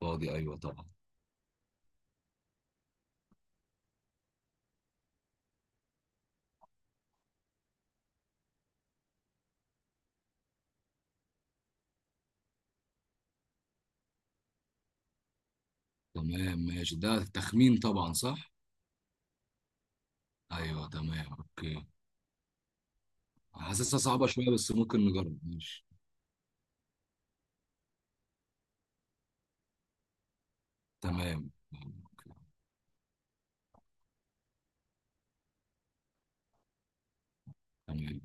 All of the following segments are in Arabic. فاضي، ايوه طبعا. تمام، ماشي، ده تخمين طبعا، صح. ايوه، تمام، اوكي. حاسسها صعبة شوية بس ممكن نجرب. ماشي، تمام، أوكي. تمام،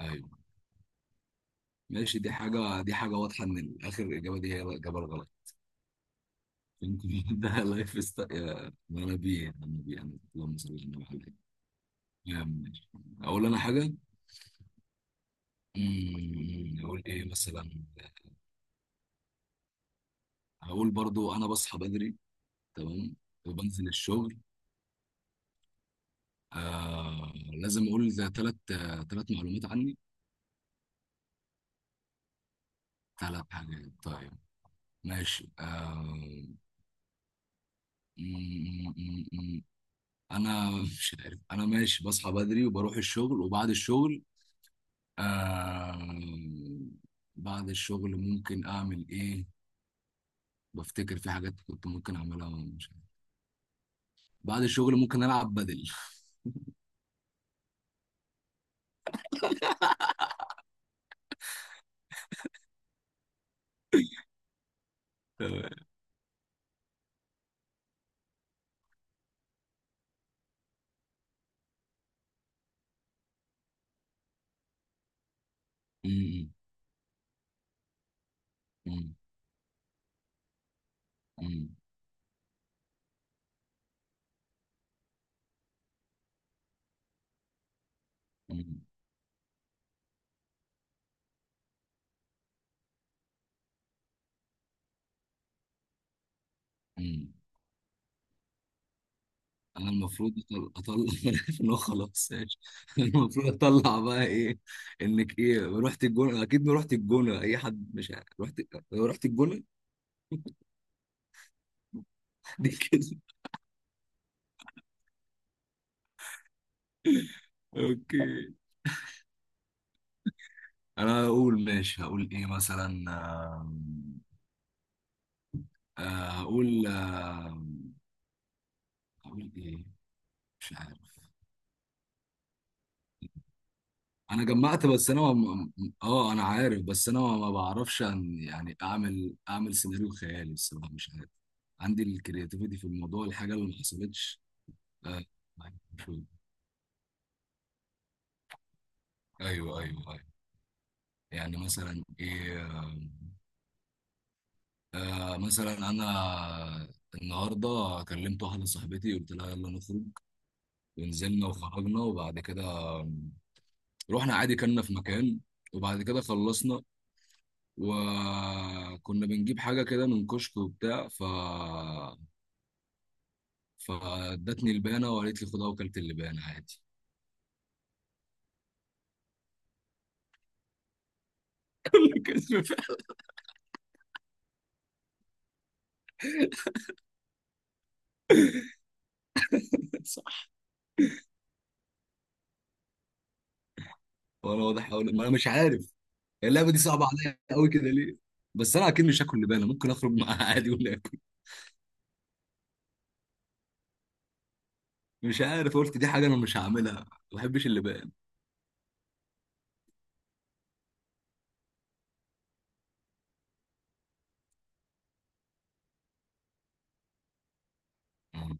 ايوه ماشي. دي حاجة واضحة ان اخر الاجابة دي هي الاجابة الغلط. يمكن ده لايف ست يا منابي منابي، انا اللهم صل على النبي عليه. تمام، ماشي. اقول انا حاجة. اقول ايه مثلا؟ هقول برضو انا بصحى بدري. تمام. وبنزل الشغل. لازم اقول 3، 3 معلومات عني. 3 حاجات، طيب. ماشي. آه م- م- م- م. انا مش عارف. انا ماشي بصحى بدري وبروح الشغل وبعد الشغل، آه بعد الشغل ممكن اعمل ايه. بفتكر في حاجات كنت ممكن اعملها، مش عارف. بعد الشغل ممكن العب بدل تمام. م- م- م- م- م- م- انا المفروض اطلع انا عارف ان هو خلاص، ماشي. أنا المفروض اطلع بقى ايه؟ انك ايه رحت الجونه، اكيد ما رحت الجونه، اي حد مش عارف. رحت الجونه. دي كده. اوكي. انا هقول، ماشي هقول ايه مثلا. آم، آه، هقول هقول ايه؟ مش عارف. انا جمعت، بس انا اه انا عارف، بس انا ما بعرفش أن يعني اعمل سيناريو خيالي الصراحه، مش عارف عندي الكرياتيفيتي في الموضوع، الحاجه اللي ما حصلتش. آه، ايوه ايوه ايوه. يعني مثلا ايه؟ مثلا انا النهارده كلمت واحده صاحبتي قلت لها يلا نخرج. ونزلنا وخرجنا وبعد كده رحنا عادي كلنا في مكان، وبعد كده خلصنا وكنا بنجيب حاجه كده من كشك وبتاع. فادتني البانه وقالت لي خدها، وكلت اللبانه عادي. كان في فعلا، صح. وانا واضح ما انا مش عارف، اللعبه دي صعبه عليا قوي كده ليه. بس انا اكيد مش هاكل لبانه، ممكن اخرج معاها عادي ولا اكل. مش عارف، قلت دي حاجه انا مش هعملها، ما بحبش اللبان. مم.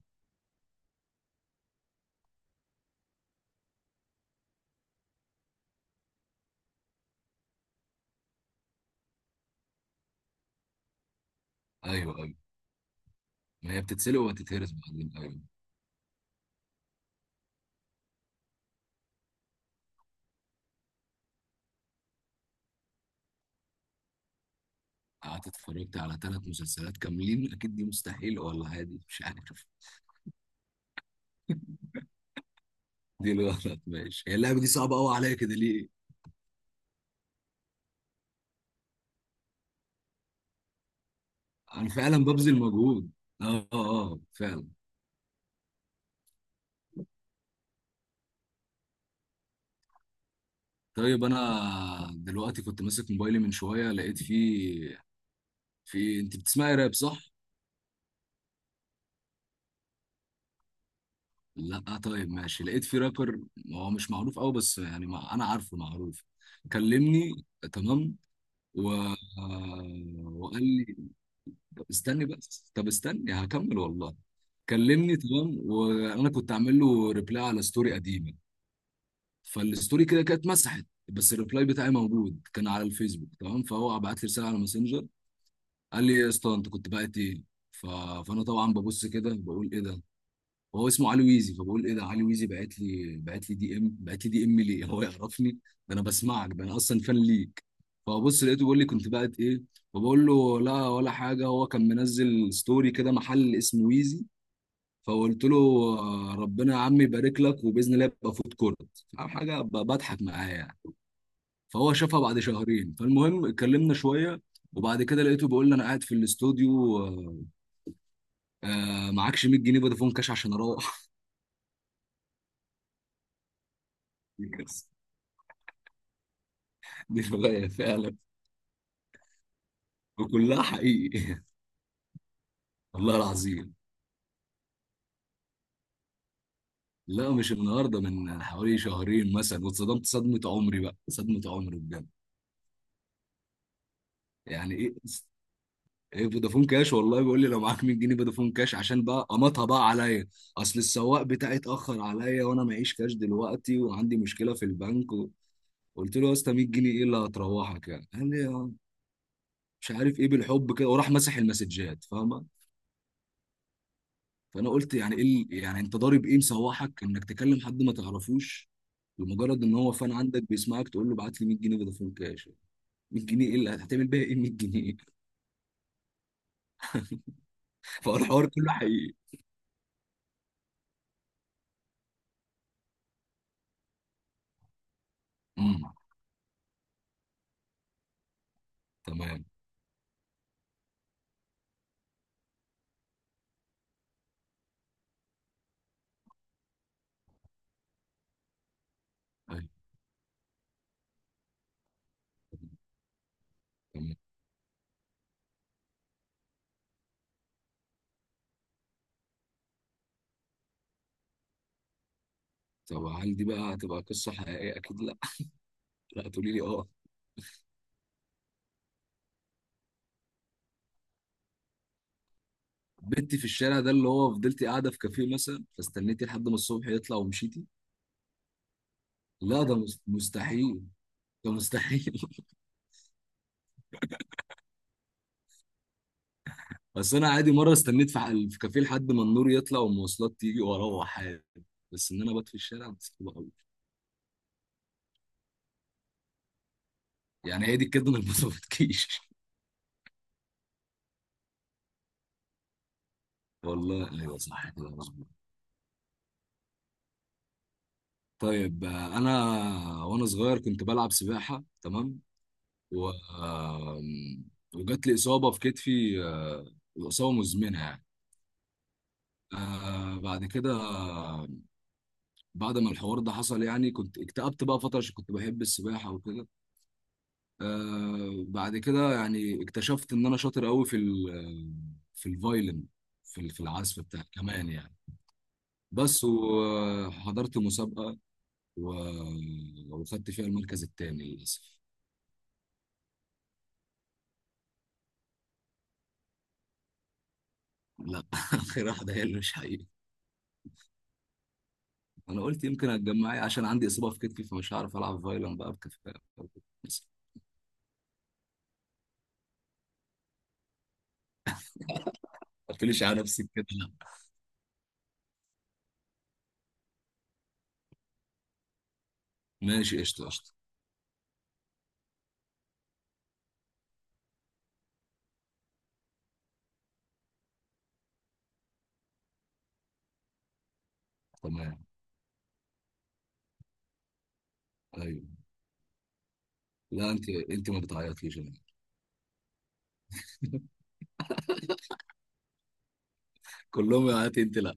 ايوه ايوه، ما هي بتتسلق وهتتهرس بعدين، ايوه. قعدت اتفرجت على 3 مسلسلات كاملين، اكيد دي مستحيل ولا عادي، مش عارف. دي الغلط، ماشي. هي اللعبه دي صعبه قوي عليا كده ليه. انا فعلا ببذل مجهود. اه اه فعلا. طيب انا دلوقتي كنت ماسك موبايلي من شويه، لقيت فيه، في انت بتسمعي راب، صح؟ لا طيب، ماشي. لقيت في رابر، هو مش معروف قوي بس يعني ما انا عارفه معروف. كلمني، تمام. و... وقال لي، طب استني بس، طب استني هكمل والله. كلمني، تمام. وانا كنت عامل له ريبلاي على ستوري قديمه، فالستوري كده كانت مسحت بس الريبلاي بتاعي موجود كان على الفيسبوك، تمام. فهو بعت لي رساله على ماسنجر قال لي يا اسطى انت كنت بعت ايه. ف... فانا طبعا ببص كده بقول ايه ده، وهو اسمه علي ويزي، فبقول ايه ده علي ويزي بعت لي، بعت لي دي ام، بعت لي دي ام ليه؟ هو يعرفني، ده انا بسمعك، ده انا اصلا فان ليك. فبص لقيته بيقول لي كنت بقت ايه. فبقول له لا ولا حاجه، هو كان منزل ستوري كده محل اسمه ويزي، فقلت له ربنا يا عم يبارك لك، وباذن الله يبقى فود كورت أو حاجه، بضحك معاه يعني. فهو شافها بعد شهرين، فالمهم اتكلمنا شويه. وبعد كده لقيته بيقول لي انا قاعد في الاستوديو، معكش 100 جنيه فودافون كاش عشان اروح. دي كارثة. دي فعلا. وكلها حقيقي، والله العظيم. لا مش النهارده، من حوالي شهرين مثلا، واتصدمت صدمه عمري بقى صدمه عمري بجد. يعني ايه ايه فودافون كاش؟ والله بيقول لي لو معاك 100 جنيه فودافون كاش عشان بقى قمطها بقى عليا، اصل السواق بتاعي اتاخر عليا وانا معيش كاش دلوقتي وعندي مشكله في البنك، و... قلت له يا اسطى، 100 جنيه ايه اللي هتروحك يعني؟ قال لي مش عارف ايه بالحب كده، وراح مسح المسجات، فاهمه؟ فانا قلت يعني ايه يعني انت ضارب ايه مسوحك انك تكلم حد ما تعرفوش، لمجرد ان هو فان عندك بيسمعك تقول له ابعت لي 100 جنيه فودافون كاش. 100 جنيه ايه اللي هتعمل بيها، ايه 100 جنيه؟ فهو الحوار كله حقيقي. امم، تمام. أيوة، تمام. طب هل دي بقى هتبقى قصه حقيقيه؟ اكيد لا. لا تقولي لي اه. بنتي في الشارع ده اللي هو فضلت قاعده في كافيه مثلا، فاستنيتي لحد ما الصبح يطلع ومشيتي. لا ده مستحيل، ده مستحيل. بس انا عادي مره استنيت في في كافيه لحد ما النور يطلع والمواصلات تيجي واروح عادي، بس ان انا بات في الشارع، بس حلوة قوي. يعني هي دي الكده اللي ما بتكيش. والله ايوه، صح كده، مظبوط. طيب انا وانا صغير كنت بلعب سباحه، تمام. و وجات لي اصابه في كتفي، اصابه مزمنه يعني. بعد كده، بعد ما الحوار ده حصل يعني، كنت اكتئبت بقى فتره عشان كنت بحب السباحه وكده. بعد كده يعني اكتشفت ان انا شاطر قوي في في الفايلن، في العزف بتاع كمان يعني. بس وحضرت مسابقة، وخدت فيها المركز الثاني للأسف. لا آخر واحدة هي اللي مش حقيقي. أنا قلت يمكن هتجمعي عشان عندي إصابة في كتفي، فمش هعرف ألعب فايلن بقى بكفاءة، بس. ما تقوليش على نفسك كده لا. ماشي، قشطة قشطة. تمام. أيوه. لا، أنت أنت ما بتعيطيش أنا. كلهم يعيطوا، أنت لا.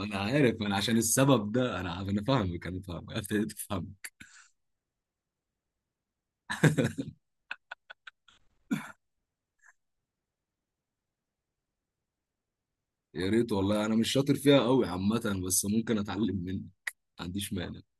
انا عارف، انا عشان السبب ده انا فاهمك ابتديت افهم. يا ريت والله، انا مش شاطر فيها قوي عامه، بس ممكن اتعلم منك، ما عنديش مانع.